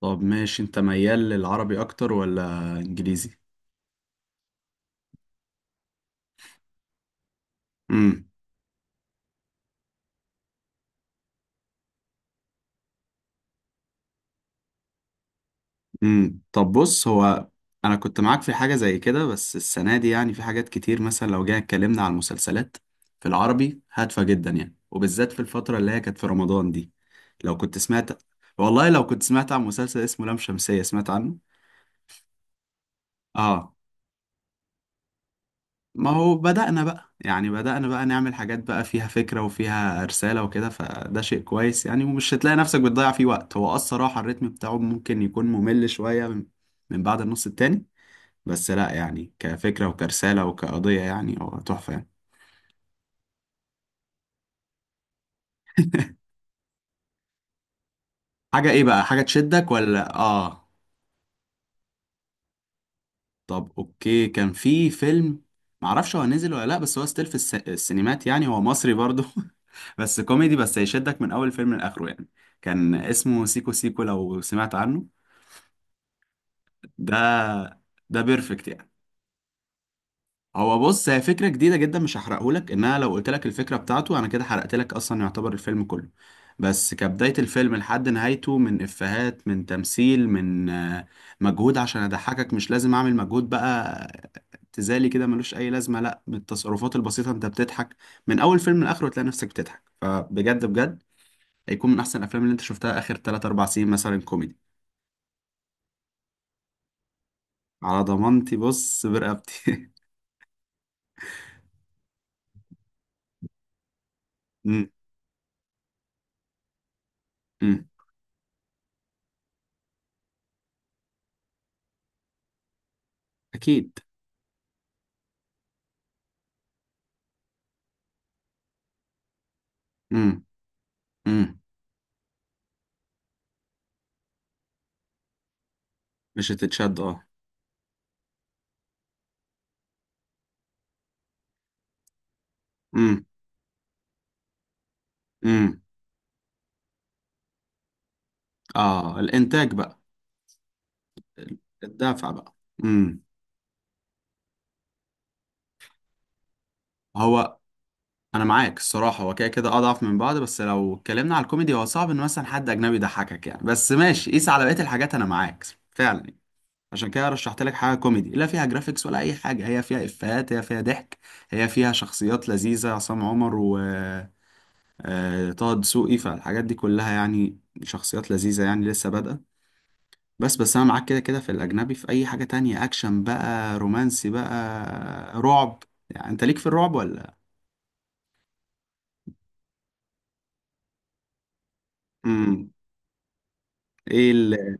طب ماشي، انت ميال للعربي اكتر ولا انجليزي؟ امم طب بص، هو انا كنت معاك في حاجه زي كده، بس السنه دي يعني في حاجات كتير. مثلا لو جينا اتكلمنا على المسلسلات، في العربي هادفه جدا يعني، وبالذات في الفتره اللي هي كانت في رمضان دي. لو كنت سمعت، والله لو كنت سمعت عن مسلسل اسمه لام شمسيه، سمعت عنه؟ اه، ما هو بدأنا بقى يعني بدأنا بقى نعمل حاجات بقى فيها فكرة وفيها رسالة وكده، فده شيء كويس يعني، ومش هتلاقي نفسك بتضيع فيه وقت. هو الصراحة الريتم بتاعه ممكن يكون ممل شوية من بعد النص التاني، بس لا يعني، كفكرة وكرسالة وكقضية يعني هو تحفة يعني. حاجة ايه بقى؟ حاجة تشدك ولا اه؟ طب اوكي، كان في فيلم، معرفش هو نزل ولا لا، بس هو ستيل في السينمات يعني. هو مصري برضه، بس كوميدي، بس هيشدك من اول فيلم لاخره يعني. كان اسمه سيكو سيكو، لو سمعت عنه؟ ده ده بيرفكت يعني. هو بص، هي فكرة جديدة جدا، مش هحرقهولك، انها لو قلت لك الفكرة بتاعته انا كده حرقت لك اصلا، يعتبر الفيلم كله. بس كبداية الفيلم لحد نهايته، من افيهات، من تمثيل، من مجهود عشان اضحكك. مش لازم اعمل مجهود بقى تزالي كده ملوش اي لازمة، لا، من التصرفات البسيطة انت بتضحك. من اول فيلم لاخره تلاقي نفسك بتضحك، فبجد بجد هيكون من احسن الافلام اللي انت شفتها اخر 3 4 سنين مثلا كوميدي. على ضمانتي، بص برقبتي. أمم، أمم، اكيد. أمم، أمم، مش هتتشد، اه. امم امم اه، الانتاج بقى، الدافع بقى. امم هو انا معاك الصراحه، هو كده كده اضعف من بعض، بس لو اتكلمنا على الكوميدي هو صعب ان مثلا حد اجنبي يضحكك يعني، بس ماشي، قيس على بقيه الحاجات، انا معاك فعلا. عشان كده رشحت لك حاجه كوميدي، لا فيها جرافيكس ولا اي حاجه، هي فيها افيهات، هي فيها ضحك، هي فيها شخصيات لذيذه، عصام عمر و طه دسوقي. فالحاجات دي كلها يعني شخصيات لذيذه، يعني لسه بادئه. بس انا معاك كده كده، في الاجنبي، في اي حاجة تانية، اكشن بقى، رومانسي بقى، رعب. يعني انت ليك في الرعب ولا؟ امم ايه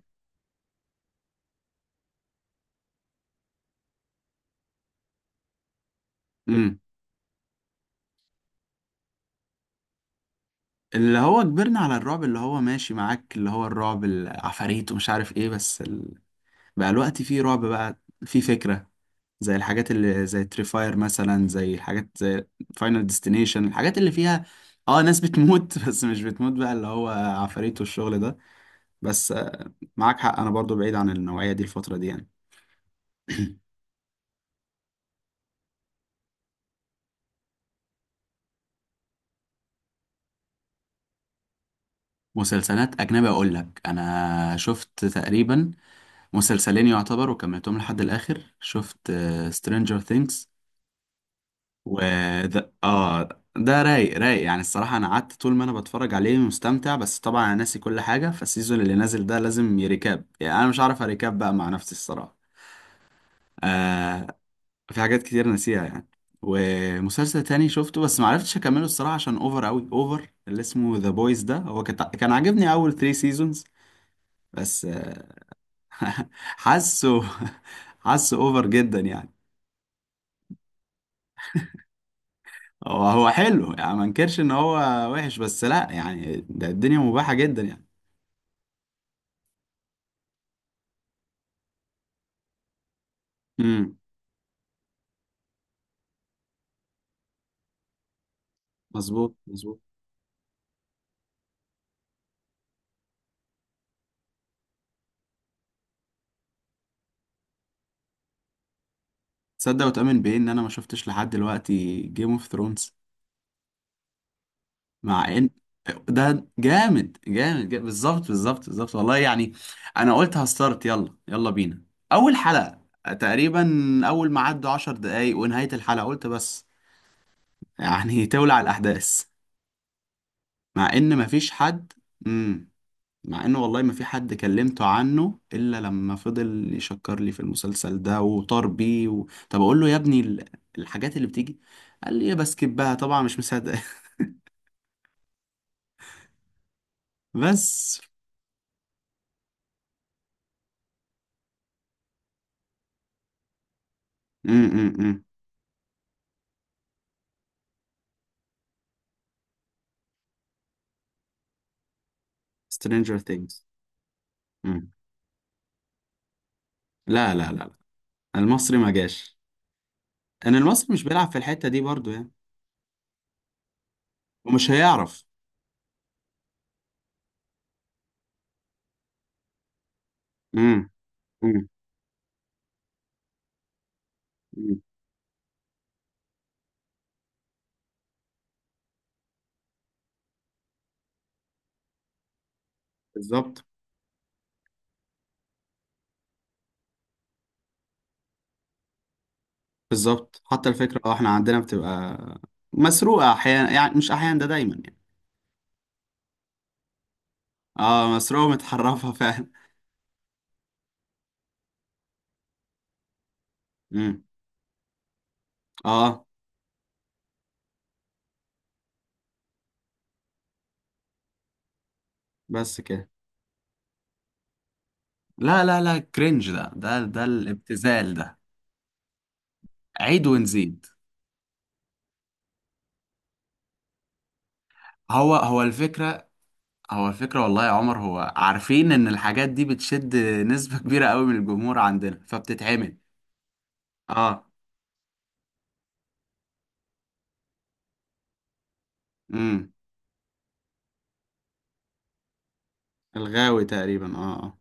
امم اللي هو كبرنا على الرعب، اللي هو ماشي معاك، اللي هو الرعب، العفاريت ومش عارف ايه، بس بقى الوقت فيه رعب، بقى فيه فكرة، زي الحاجات اللي زي تريفاير مثلا، زي الحاجات زي فاينل ديستنيشن، الحاجات اللي فيها اه ناس بتموت، بس مش بتموت بقى اللي هو عفاريت والشغل ده. بس معاك حق، انا برضو بعيد عن النوعية دي الفترة دي يعني. مسلسلات أجنبي، أقول لك أنا شفت تقريبا مسلسلين يعتبر وكملتهم لحد الآخر، شفت سترينجر ثينكس و ده آه ده رايق رايق يعني. الصراحة أنا قعدت طول ما أنا بتفرج عليه مستمتع، بس طبعا أنا ناسي كل حاجة، فالسيزون اللي نازل ده لازم يريكاب، يعني أنا مش عارف أريكاب بقى مع نفسي الصراحة. آه، في حاجات كتير ناسيها يعني. ومسلسل تاني شفته بس معرفتش أكمله الصراحة عشان أوفر أوي، أوفر، اللي اسمه ذا بويز ده، هو كان عاجبني أول 3 سيزونز، بس حاسه حاسه اوفر جدا يعني. هو هو حلو يعني، ما انكرش ان هو وحش، بس لا يعني، ده الدنيا مباحة جدا يعني. امم مظبوط مظبوط. تصدق وتؤمن بايه ان انا ما شفتش لحد دلوقتي جيم اوف ثرونز؟ مع ان ده جامد جامد, جامد. بالظبط بالظبط بالظبط والله يعني. انا قلت هستارت، يلا يلا بينا، اول حلقة تقريبا. اول ما عدوا 10 دقايق ونهاية الحلقة قلت بس، يعني تولع الاحداث، مع ان مفيش حد. مم. مع انه والله ما في حد كلمته عنه الا لما فضل يشكر لي في المسلسل ده وطار بيه، و... طب اقول له يا ابني الحاجات اللي بتيجي قال لي بسكبها، طبعا مش مصدق، بس. امم سترينجر ثينجز. لا لا لا لا، المصري ما جاش، ان المصري مش بيلعب في الحتة دي برضو يعني، ومش هيعرف. امم امم أمم. بالظبط بالظبط. حتى الفكرة، اه، احنا عندنا بتبقى مسروقة احيانا، يعني مش احيانا، ده دايما يعني. اه، مسروقة متحرفة، فعلا. امم اه، بس كده. لا لا لا، كرنج ده، ده الابتذال ده، عيد ونزيد. هو الفكرة، هو الفكرة والله يا عمر، هو عارفين ان الحاجات دي بتشد نسبة كبيرة قوي من الجمهور عندنا فبتتعمل. اه. امم الغاوي تقريبا، اه اه.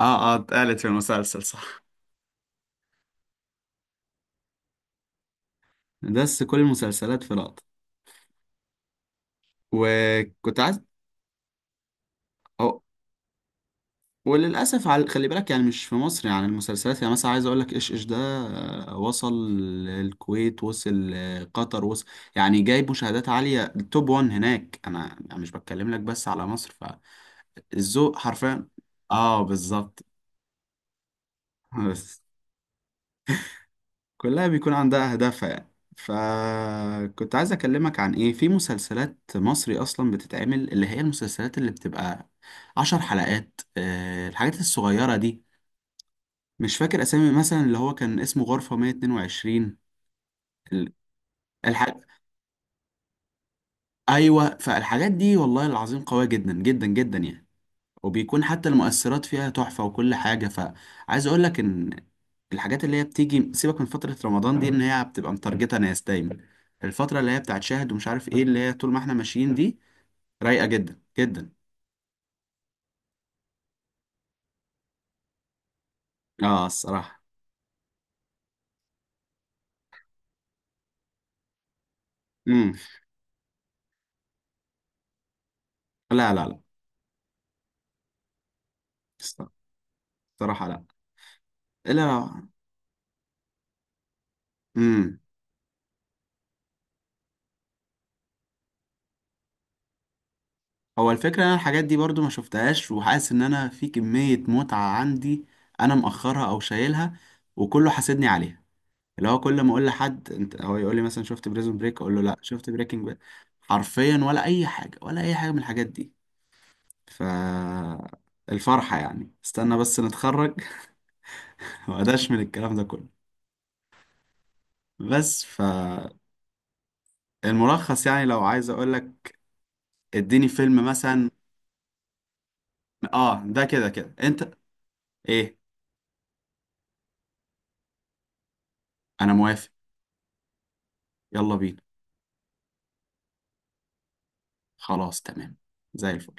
اه اه، اتقالت في المسلسل، صح. بس كل المسلسلات في لقطة، وكنت عايز أو- وللاسف، على خلي بالك يعني، مش في مصر يعني المسلسلات، يعني مثلا عايز اقول لك ايش ايش ده، وصل الكويت، وصل قطر، وصل يعني. جايب مشاهدات عاليه، التوب 1 هناك، انا أنا مش بتكلم لك بس على مصر، فالذوق حرفيا. اه بالظبط. بس كلها بيكون عندها اهدافها يعني. فكنت عايز اكلمك عن ايه، في مسلسلات مصري اصلا بتتعمل اللي هي المسلسلات اللي بتبقى 10 حلقات، الحاجات الصغيره دي، مش فاكر اسامي، مثلا اللي هو كان اسمه غرفة 122، ال- الحاج، ايوه. فالحاجات دي والله العظيم قوية جدا جدا جدا يعني، وبيكون حتى المؤثرات فيها تحفة وكل حاجة. فعايز اقول لك ان الحاجات اللي هي بتيجي، سيبك من فترة رمضان دي، ان هي بتبقى متارجتة ناس دايما، الفترة اللي هي بتاعت شاهد ومش عارف ايه، اللي هي طول ما احنا ماشيين دي رايقة جدا جدا. اه الصراحة. امم لا لا لا، الصراحة لا. لا. امم هو الفكرة ان انا الحاجات دي برضو ما شفتهاش، وحاسس ان انا في كمية متعة عندي، انا مأخرها او شايلها، وكله حاسدني عليها. اللي هو كل ما اقول لحد انت، هو يقول لي مثلا شفت بريزون بريك؟ اقول له لا. شفت بريكنج باد؟ حرفيا ولا اي حاجة، ولا اي حاجة من الحاجات دي. ف الفرحة يعني استنى بس نتخرج، واداش من الكلام ده كله. بس فالملخص، يعني لو عايز اقول لك اديني فيلم مثلا، اه ده كده كده انت. ايه، انا موافق، يلا بينا. خلاص تمام، زي الفل.